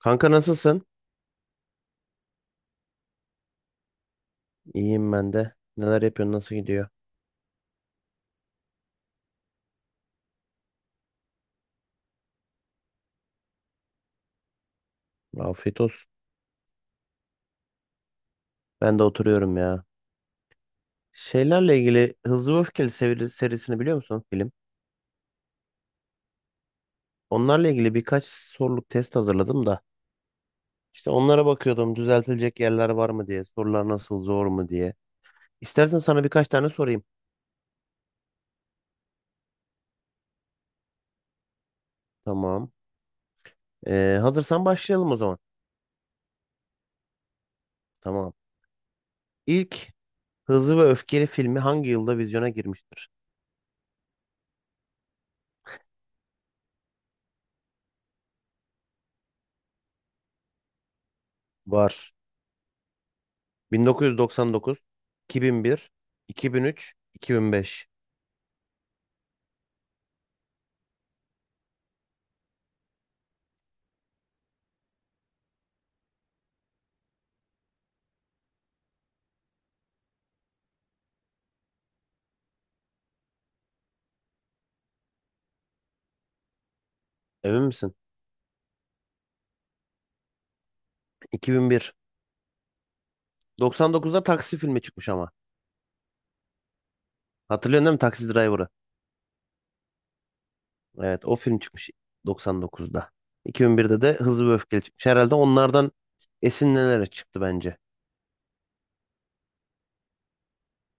Kanka, nasılsın? İyiyim ben de. Neler yapıyorsun? Nasıl gidiyor? Afiyet olsun. Ben de oturuyorum ya. Şeylerle ilgili Hızlı ve Öfkeli serisini biliyor musun, film? Onlarla ilgili birkaç soruluk test hazırladım da. İşte onlara bakıyordum, düzeltilecek yerler var mı diye. Sorular nasıl, zor mu diye. İstersen sana birkaç tane sorayım. Tamam. Hazırsan başlayalım o zaman. Tamam. İlk Hızlı ve Öfkeli filmi hangi yılda vizyona girmiştir? Var. 1999, 2001, 2003, 2005. Emin misin? 2001. 99'da Taksi filmi çıkmış ama. Hatırlıyorsun değil mi Taksi Driver'ı? Evet, o film çıkmış 99'da. 2001'de de Hızlı ve Öfkeli çıkmış. Herhalde onlardan esinlenerek çıktı bence.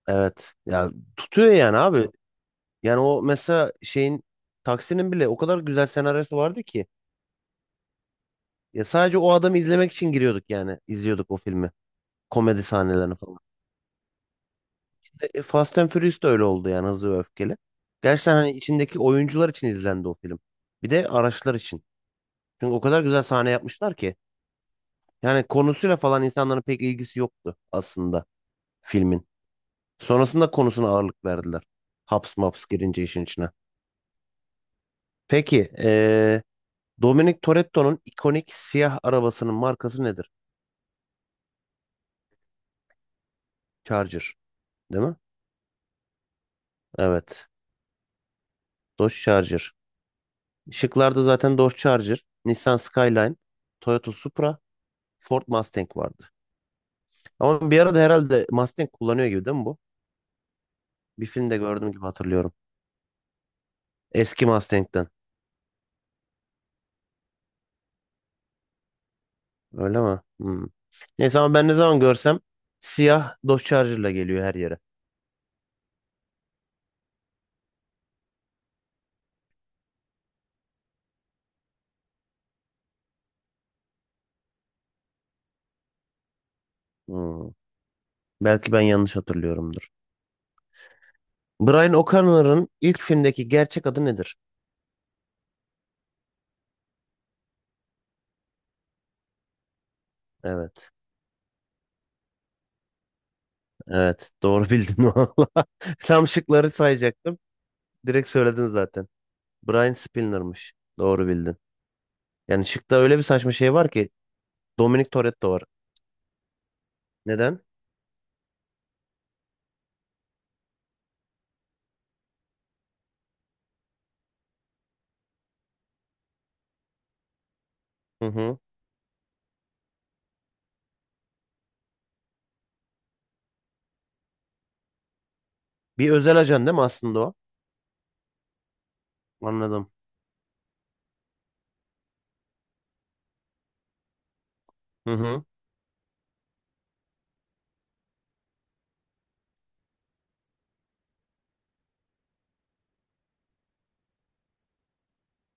Evet. Ya, tutuyor yani abi. Yani o mesela şeyin, Taksi'nin bile o kadar güzel senaryosu vardı ki. Ya sadece o adamı izlemek için giriyorduk yani. İzliyorduk o filmi. Komedi sahnelerini falan. Fast and Furious da öyle oldu yani, Hızlı ve Öfkeli. Gerçekten hani içindeki oyuncular için izlendi o film. Bir de araçlar için. Çünkü o kadar güzel sahne yapmışlar ki. Yani konusuyla falan insanların pek ilgisi yoktu aslında filmin. Sonrasında konusuna ağırlık verdiler. Haps maps girince işin içine. Peki, Dominic Toretto'nun ikonik siyah arabasının markası nedir? Charger değil mi? Evet. Dodge Charger. Şıklarda zaten Dodge Charger, Nissan Skyline, Toyota Supra, Ford Mustang vardı. Ama bir arada herhalde Mustang kullanıyor gibi değil mi bu? Bir filmde gördüğüm gibi hatırlıyorum. Eski Mustang'den. Öyle mi? Hmm. Neyse, ama ben ne zaman görsem siyah Dodge Charger'la geliyor her yere. Hmm. Belki ben yanlış hatırlıyorumdur. Brian O'Connor'ın ilk filmdeki gerçek adı nedir? Evet. Evet. Doğru bildin valla. Tam şıkları sayacaktım. Direkt söyledin zaten. Brian Spinner'mış. Doğru bildin. Yani şıkta öyle bir saçma şey var ki, Dominic Toretto var. Neden? Hı hı. Bir özel ajan değil mi aslında o? Anladım. Hı hı.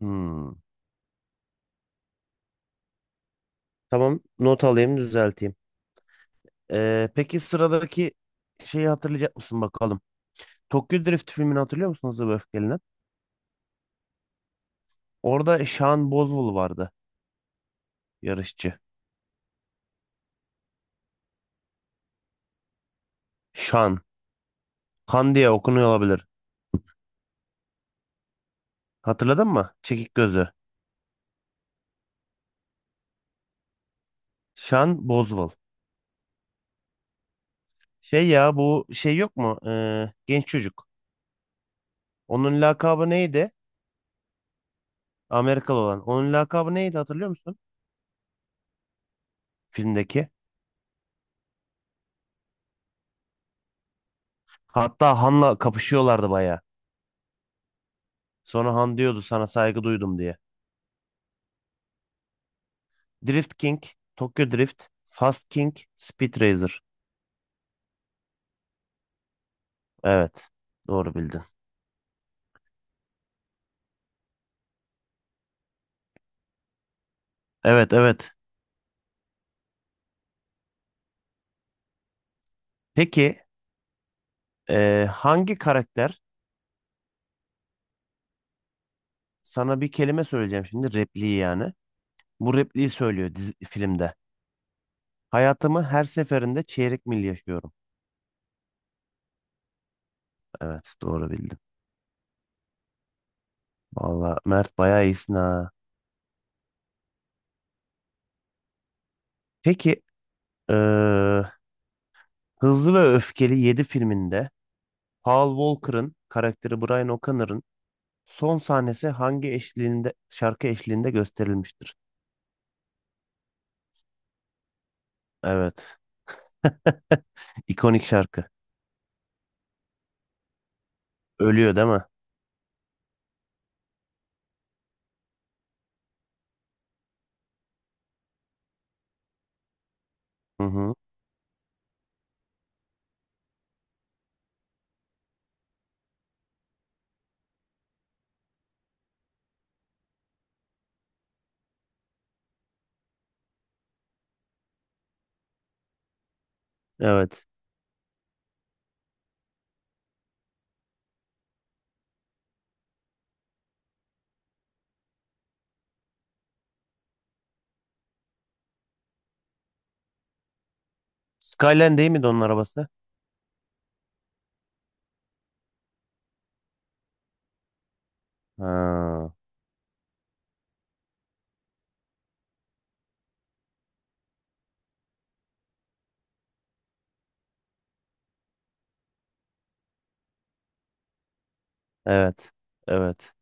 Hmm. Tamam, not alayım, düzelteyim. Peki sıradaki şeyi hatırlayacak mısın bakalım. Tokyo Drift filmini hatırlıyor musun, Hızlı ve Öfkeli'nin? Orada Sean Boswell vardı, yarışçı. Sean. Han diye okunuyor olabilir. Hatırladın mı? Çekik gözü. Sean Boswell. Şey ya, bu şey yok mu? Genç çocuk. Onun lakabı neydi? Amerikalı olan. Onun lakabı neydi hatırlıyor musun? Filmdeki. Hatta Han'la kapışıyorlardı bayağı. Sonra Han diyordu sana saygı duydum diye. Drift King, Tokyo Drift, Fast King, Speed Racer. Evet. Doğru bildin. Evet, evet. Peki hangi karakter? Sana bir kelime söyleyeceğim şimdi, repliği yani. Bu repliği söylüyor dizi, filmde. Hayatımı her seferinde çeyrek mil yaşıyorum. Evet, doğru bildin. Valla Mert, bayağı iyisin ha. Peki eee, Hızlı ve Öfkeli 7 filminde Paul Walker'ın karakteri Brian O'Connor'ın son sahnesi hangi eşliğinde, şarkı eşliğinde gösterilmiştir? Evet. İkonik şarkı. Ölüyor değil mi? Hı hı. Evet. Skyline değil miydi onun arabası? Ha, evet. Evet.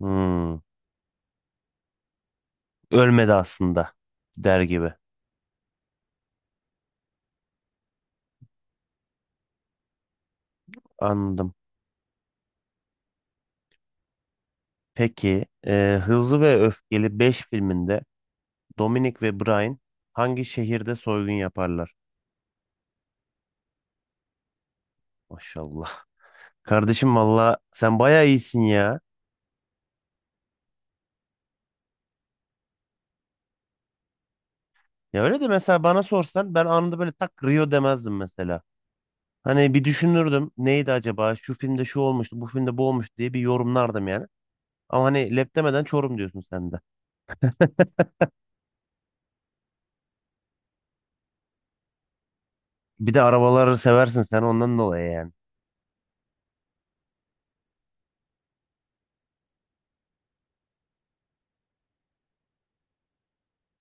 Hmm. Ölmedi aslında. Der gibi. Anladım. Peki, Hızlı ve Öfkeli 5 filminde Dominic ve Brian hangi şehirde soygun yaparlar? Maşallah. Kardeşim valla sen bayağı iyisin ya. Ya öyle de, mesela bana sorsan ben anında böyle tak Rio demezdim mesela. Hani bir düşünürdüm, neydi acaba, şu filmde şu olmuştu, bu filmde bu olmuştu diye bir yorumlardım yani. Ama hani lep demeden Çorum diyorsun sen de. Bir de arabaları seversin sen, ondan dolayı yani.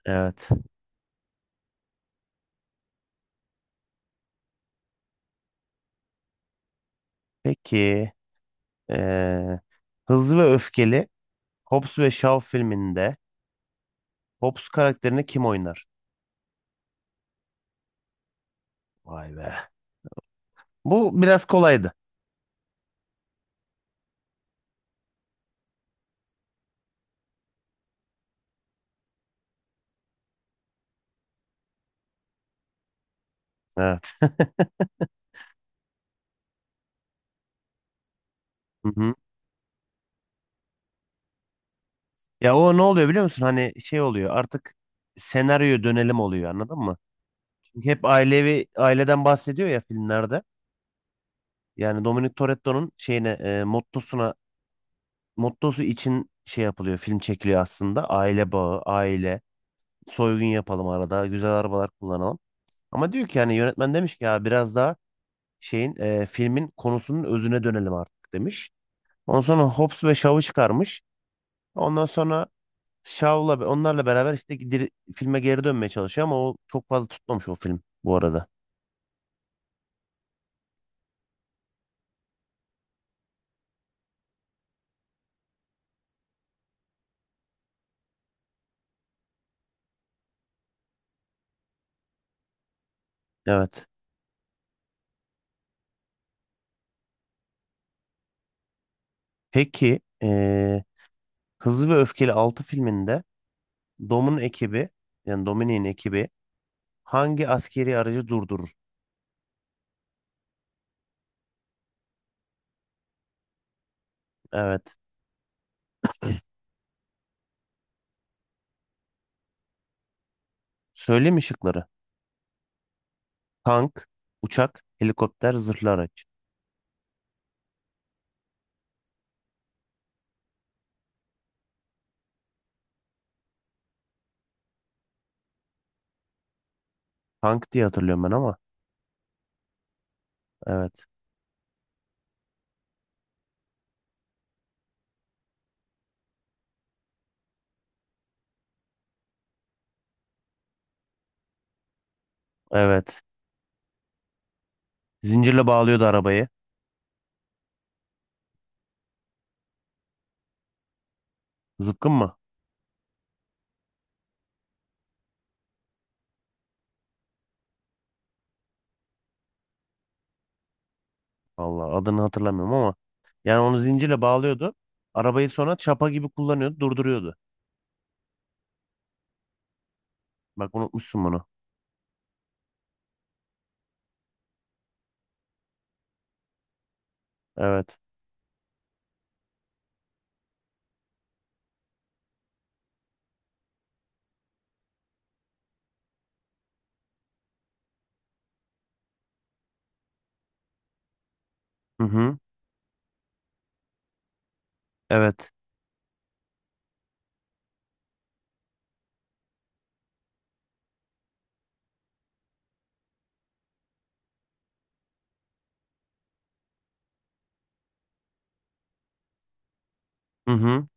Evet. Peki eee, Hızlı ve Öfkeli Hobbs ve Shaw filminde Hobbs karakterini kim oynar? Vay be. Bu biraz kolaydı. Evet. Hı hı. Ya o ne oluyor biliyor musun? Hani şey oluyor artık, senaryoya dönelim oluyor, anladın mı? Çünkü hep ailevi, aileden bahsediyor ya filmlerde. Yani Dominic Toretto'nun şeyine mottosuna, için şey yapılıyor, film çekiliyor aslında. Aile bağı, aile, soygun yapalım arada, güzel arabalar kullanalım. Ama diyor ki yani, yönetmen demiş ki ya biraz daha şeyin, filmin konusunun özüne dönelim artık demiş. Ondan sonra Hobbs ve Shaw'ı çıkarmış. Ondan sonra Shaw'la onlarla beraber işte filme geri dönmeye çalışıyor, ama o çok fazla tutmamış o film bu arada. Evet. Peki Hızlı ve Öfkeli 6 filminde Dom'un ekibi, yani Dominic'in ekibi hangi askeri aracı durdurur? Evet. Söyleyeyim mi şıkları? Tank, uçak, helikopter, zırhlı araç. Tank diye hatırlıyorum ben ama. Evet. Evet. Zincirle bağlıyordu arabayı. Zıpkın mı? Allah, adını hatırlamıyorum ama. Yani onu zincirle bağlıyordu. Arabayı sonra çapa gibi kullanıyordu, durduruyordu. Bak, unutmuşsun bunu. Evet. Hı hı. Evet. Hı hı.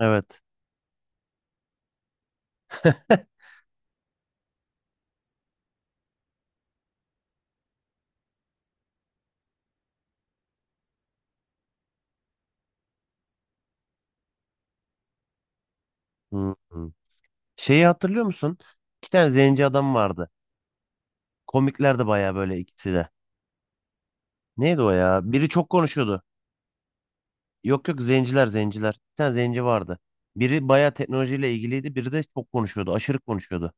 Evet. Hı hı. Şeyi hatırlıyor musun? İki tane zenci adam vardı. Komiklerdi bayağı, böyle ikisi de. Neydi o ya? Biri çok konuşuyordu. Yok yok, zenciler zenciler. Bir tane zenci vardı. Biri bayağı teknolojiyle ilgiliydi. Biri de çok konuşuyordu. Aşırı konuşuyordu.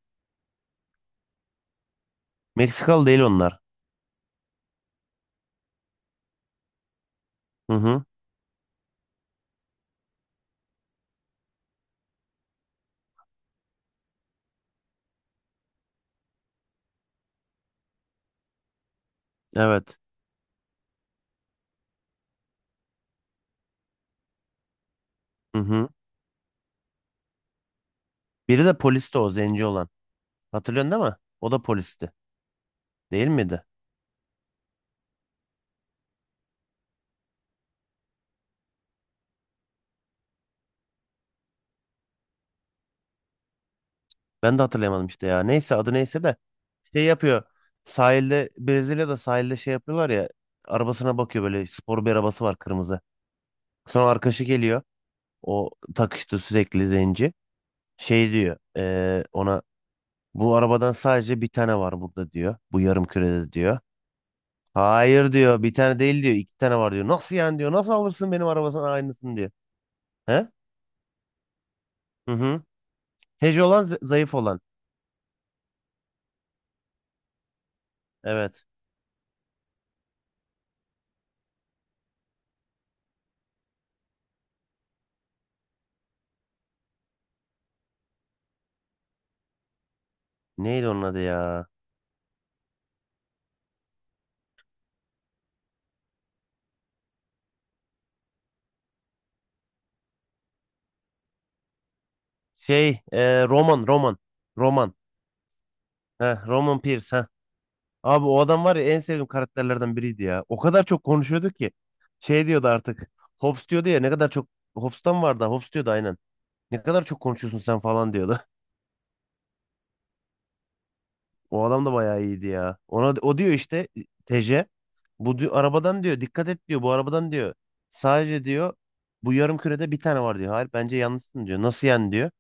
Meksikalı değil onlar. Hı hı. Evet. Hı hı. Biri de polisti, o zenci olan. Hatırlıyorsun değil mi? O da polisti. Değil miydi? Ben de hatırlayamadım işte ya. Neyse, adı neyse de şey yapıyor. Sahilde, Brezilya'da sahilde şey yapıyorlar ya. Arabasına bakıyor böyle, spor bir arabası var, kırmızı. Sonra arkadaşı geliyor. O takıştı sürekli, zenci. Şey diyor ona, bu arabadan sadece bir tane var burada diyor. Bu yarım kürede diyor. Hayır diyor, bir tane değil diyor, iki tane var diyor. Nasıl yani diyor, nasıl alırsın benim arabasına aynısını diyor. He? Hı hı. Hece olan, zayıf olan. Evet. Neydi onun adı ya? Şey Roman, Roman. Roman. Heh, Roman Pierce. Heh. Abi o adam var ya, en sevdiğim karakterlerden biriydi ya. O kadar çok konuşuyordu ki. Şey diyordu artık. Hobbs diyordu ya, ne kadar çok. Hobbs'tan vardı. Hobbs diyordu aynen. Ne kadar çok konuşuyorsun sen falan diyordu. O adam da bayağı iyiydi ya. Ona o diyor işte, TC. Bu diyor, arabadan diyor dikkat et diyor, bu arabadan diyor. Sadece diyor bu yarım kürede bir tane var diyor. Hayır bence yanlışsın diyor. Nasıl yani diyor.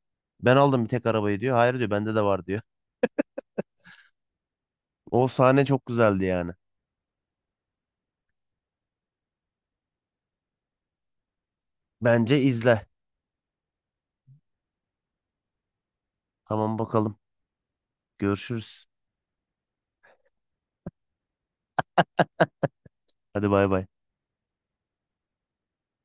Ben aldım bir tek arabayı diyor. Hayır diyor, bende de var diyor. O sahne çok güzeldi yani. Bence izle. Tamam bakalım. Görüşürüz. Hadi bay bay.